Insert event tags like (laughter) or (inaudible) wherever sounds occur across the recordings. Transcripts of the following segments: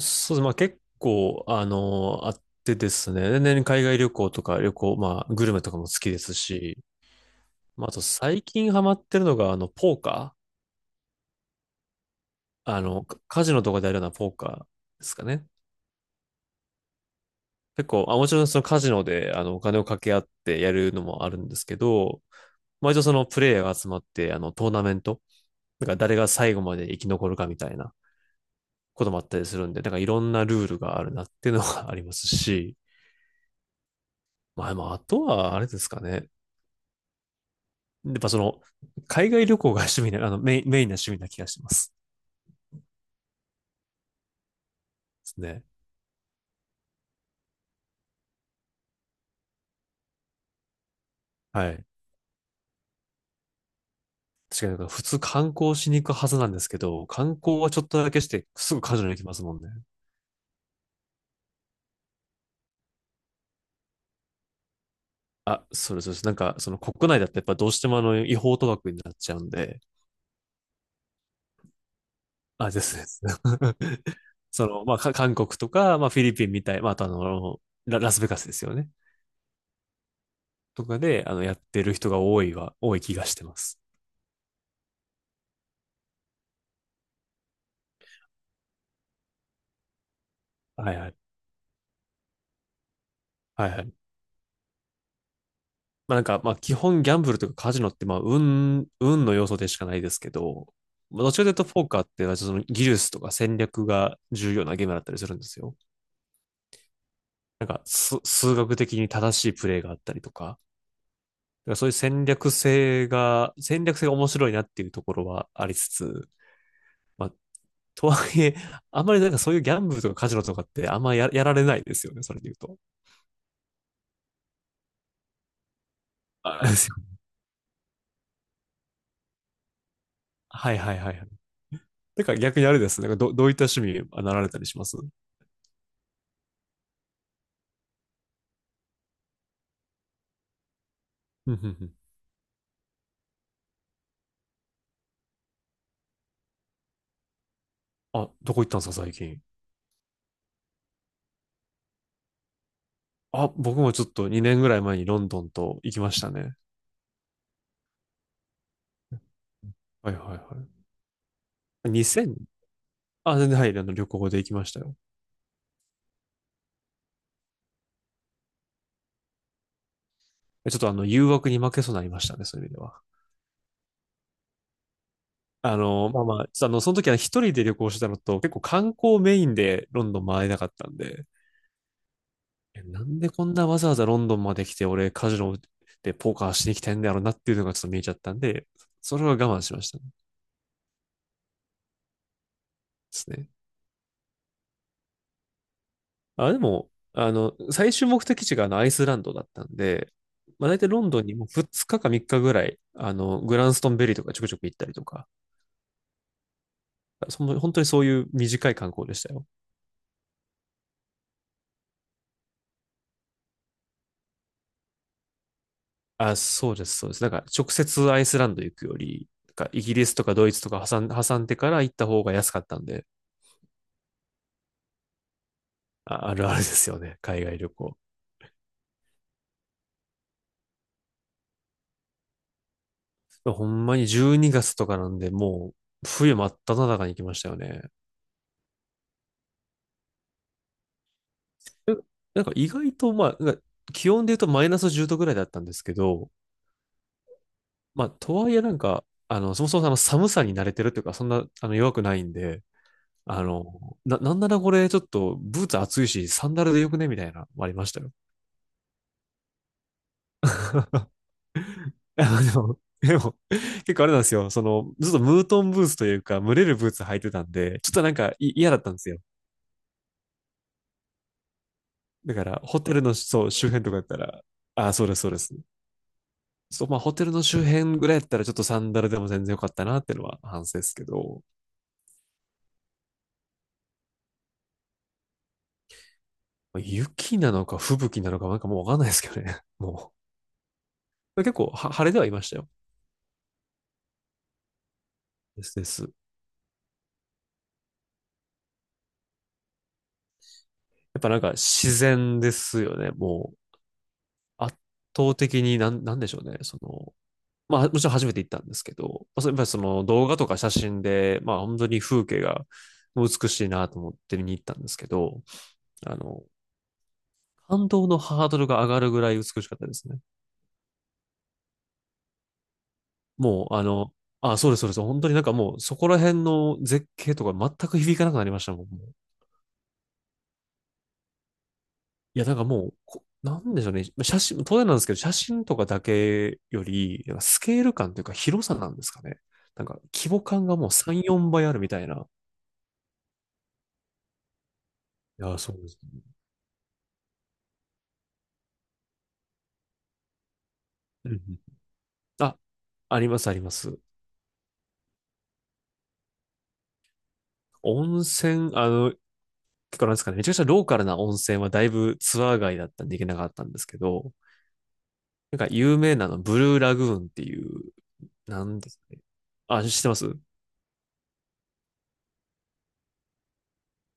そうです。結構、あの、あってですね、年々海外旅行とか旅行、まあグルメとかも好きですし、まああと最近ハマってるのが、ポーカー、あの、カカジノとかでやるようなポーカーですかね。結構、もちろんそのカジノで、お金を掛け合ってやるのもあるんですけど、まあ一応そのプレイヤーが集まって、トーナメント、なんか誰が最後まで生き残るかみたいなこともあったりするんで、なんかいろんなルールがあるなっていうのが (laughs) ありますし、まああとはあれですかね。やっぱその、海外旅行が趣味な、(laughs) メインな趣味な気がします。ですね。はい。確かになんか普通観光しに行くはずなんですけど、観光はちょっとだけして、すぐカジュアルに行きますもんね。そうです、そうです。なんか、その国内だってやっぱどうしても違法賭博になっちゃうんで、ですです。(laughs) 韓国とか、まあ、フィリピンみたい、まあ、あとあの、ラ、ラスベガスですよね。とかで、やってる人が多いは、多い気がしてます。はいはい。はいはい。まあ基本ギャンブルとかカジノってまあ運の要素でしかないですけど、まあどっちらかというとポーカーってその技術とか戦略が重要なゲームだったりするんですよ。なんか数学的に正しいプレイがあったりとか、だからそういう戦略性が、戦略性が面白いなっていうところはありつつ、まあとはいえ、あんまりなんかそういうギャンブルとかカジノとかってやられないですよね、それで言うと。あですよね。 (laughs) はいはいはいはい。だから逆にあれですね、どういった趣味あなられたりします？うんうんうん。 (laughs) あ、どこ行ったんですか、最近。あ、僕もちょっと2年ぐらい前にロンドンと行きましたね。はいはいはい。2000? 全然はい、あの旅行で行きましたよ。ちょっとあの、誘惑に負けそうになりましたね、そういう意味では。ちょっとあの、その時は一人で旅行してたのと、結構観光メインでロンドン回れなかったんで、えなんでこんなわざわざロンドンまで来て、俺カジノでポーカーしに来てんだろうなっていうのがちょっと見えちゃったんで、それは我慢しましたね。ですね。あ、でも、あの、最終目的地があのアイスランドだったんで、まあ、大体ロンドンにも2日か3日ぐらい、グランストンベリーとかちょくちょく行ったりとか、その本当にそういう短い観光でしたよ。そうです、そうです。なんか直接アイスランド行くより、なんかイギリスとかドイツとか挟んでから行った方が安かったんで、あるあるですよね、海外旅行。ほんまに12月とかなんで、もう冬真っ只中に行きましたよね。え、なんか意外と、気温で言うとマイナス10度ぐらいだったんですけど、とはいえなんか、そもそもあの寒さに慣れてるというか、そんなあの弱くないんで、あの、なんならこれちょっとブーツ暑いし、サンダルでよくねみたいな、ありましたよ。(laughs) あのでも、結構あれなんですよ。その、ずっとムートンブーツというか、蒸れるブーツ履いてたんで、ちょっとなんか嫌だったんですよ。だから、ホテルの、そう、周辺とかだったら、そうです、そうです。ホテルの周辺ぐらいやったら、ちょっとサンダルでも全然良かったなっていうのは反省ですけど、まあ雪なのか吹雪なのか、なんかもうわかんないですけどね。(laughs) もう。結構は、晴れではいましたよ。ですです。やっぱなんか自然ですよね。もう、圧倒的になん、なんでしょうね。その、まあ、もちろん初めて行ったんですけど、まあ、やっぱりその動画とか写真で、まあ、本当に風景が美しいなと思って見に行ったんですけど、あの、感動のハードルが上がるぐらい美しかったですね。もう、あの、あ、そうです、そうです。本当になんかもう、そこら辺の絶景とか全く響かなくなりましたもん。もういや、なんかもう、こなんでしょうね。写真、当然なんですけど、写真とかだけより、なんかスケール感というか広さなんですかね。なんか規模感がもう3、4倍あるみたいな。いや、そうですね。うんうん。あ、あります、あります。温泉、あの、結構なんですかね、めちゃくちゃローカルな温泉はだいぶツアー外だったんで行けなかったんですけど、なんか有名なのブルーラグーンっていうなんですかね。あ、知ってます？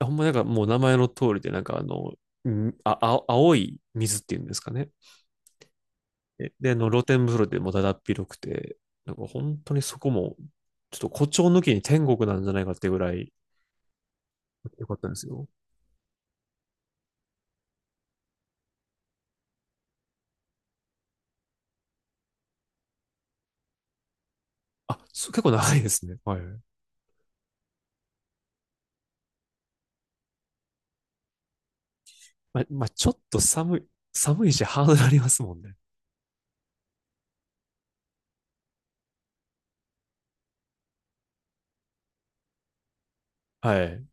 ほんまなんかもう名前の通りで、青い水っていうんですかね。で、であの露天風呂でもだだっ広くて、なんか本当にそこも、ちょっと誇張抜きに天国なんじゃないかってぐらい良かったんですよ。あ、そう結構長いですね。はい。まあ、ちょっと寒い、寒いしハードルありますもんね。はい。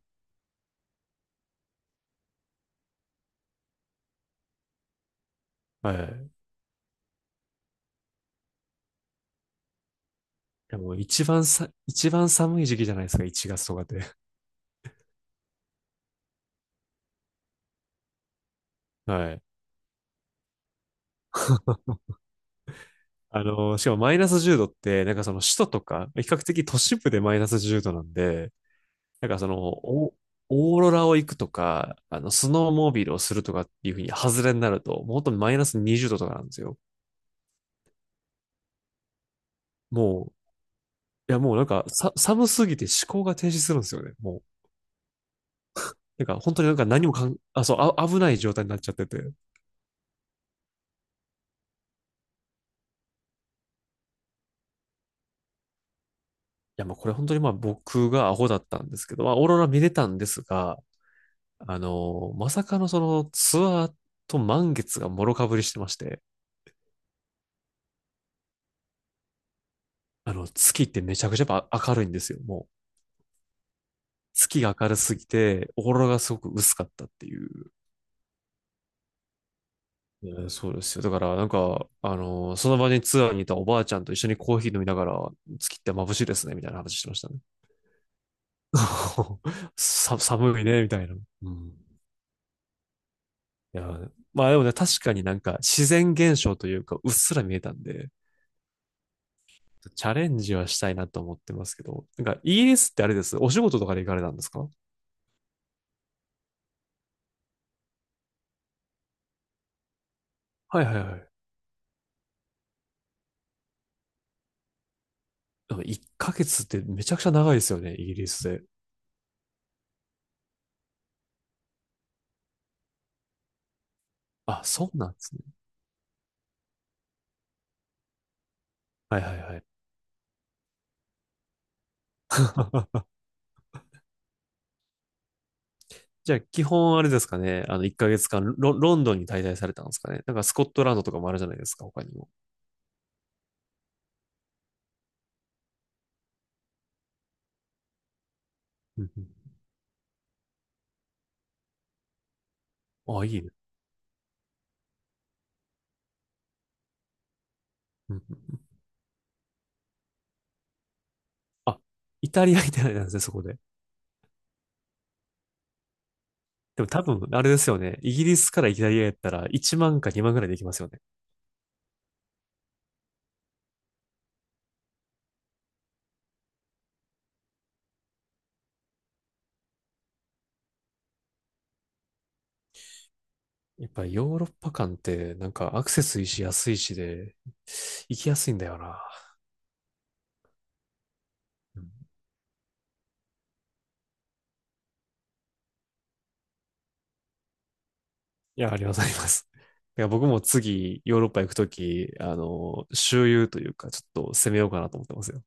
はい。いやもう一番さ、一番寒い時期じゃないですか、1月とかで。はい。あの、しかもマイナス10度って、なんかその首都とか、比較的都市部でマイナス10度なんで、なんかその、おオーロラを行くとか、スノーモービルをするとかっていうふうに外れになると、もう本当にマイナス20度とかなんですよ。もう、いやもうなんかさ、寒すぎて思考が停止するんですよね。もう、なんか本当になんか何もかん、あ、そう、あ、危ない状態になっちゃってて。いやもうこれ本当にまあ僕がアホだったんですけど、まあオーロラ見れたんですが、まさかのそのツアーと満月がもろかぶりしてまして、月ってめちゃくちゃやっぱ明るいんですよ、もう。月が明るすぎて、オーロラがすごく薄かったっていう。うそうですよ。だから、その場にツアーにいたおばあちゃんと一緒にコーヒー飲みながら、月って眩しいですね、みたいな話してましたね。(laughs) 寒いね、みたいな。うん。いや、まあでもね、確かになんか自然現象というか、うっすら見えたんで、チャレンジはしたいなと思ってますけど、なんかイギリスってあれです。お仕事とかで行かれたんですか？はいはいはい。なか1ヶ月ってめちゃくちゃ長いですよね、イギリスで。あ、そうなんですね。はいはいはい。(laughs) じゃあ、基本あれですかね。あの、1ヶ月間ロ、ロンドンに滞在されたんですかね。なんかスコットランドとかもあるじゃないですか、他にも。うんうん。あ、いいね。うんうんうん。あ、イタリアみたいなんですね、そこで。でも多分、あれですよね。イギリスからイタリアやったら1万か2万ぐらいで行きますよね。やっぱりヨーロッパ間ってなんかアクセスいいし安いしで行きやすいんだよな。うん。いや、ありがとうございます。(laughs) だから僕も次、ヨーロッパ行くとき、周遊というか、ちょっと攻めようかなと思ってますよ。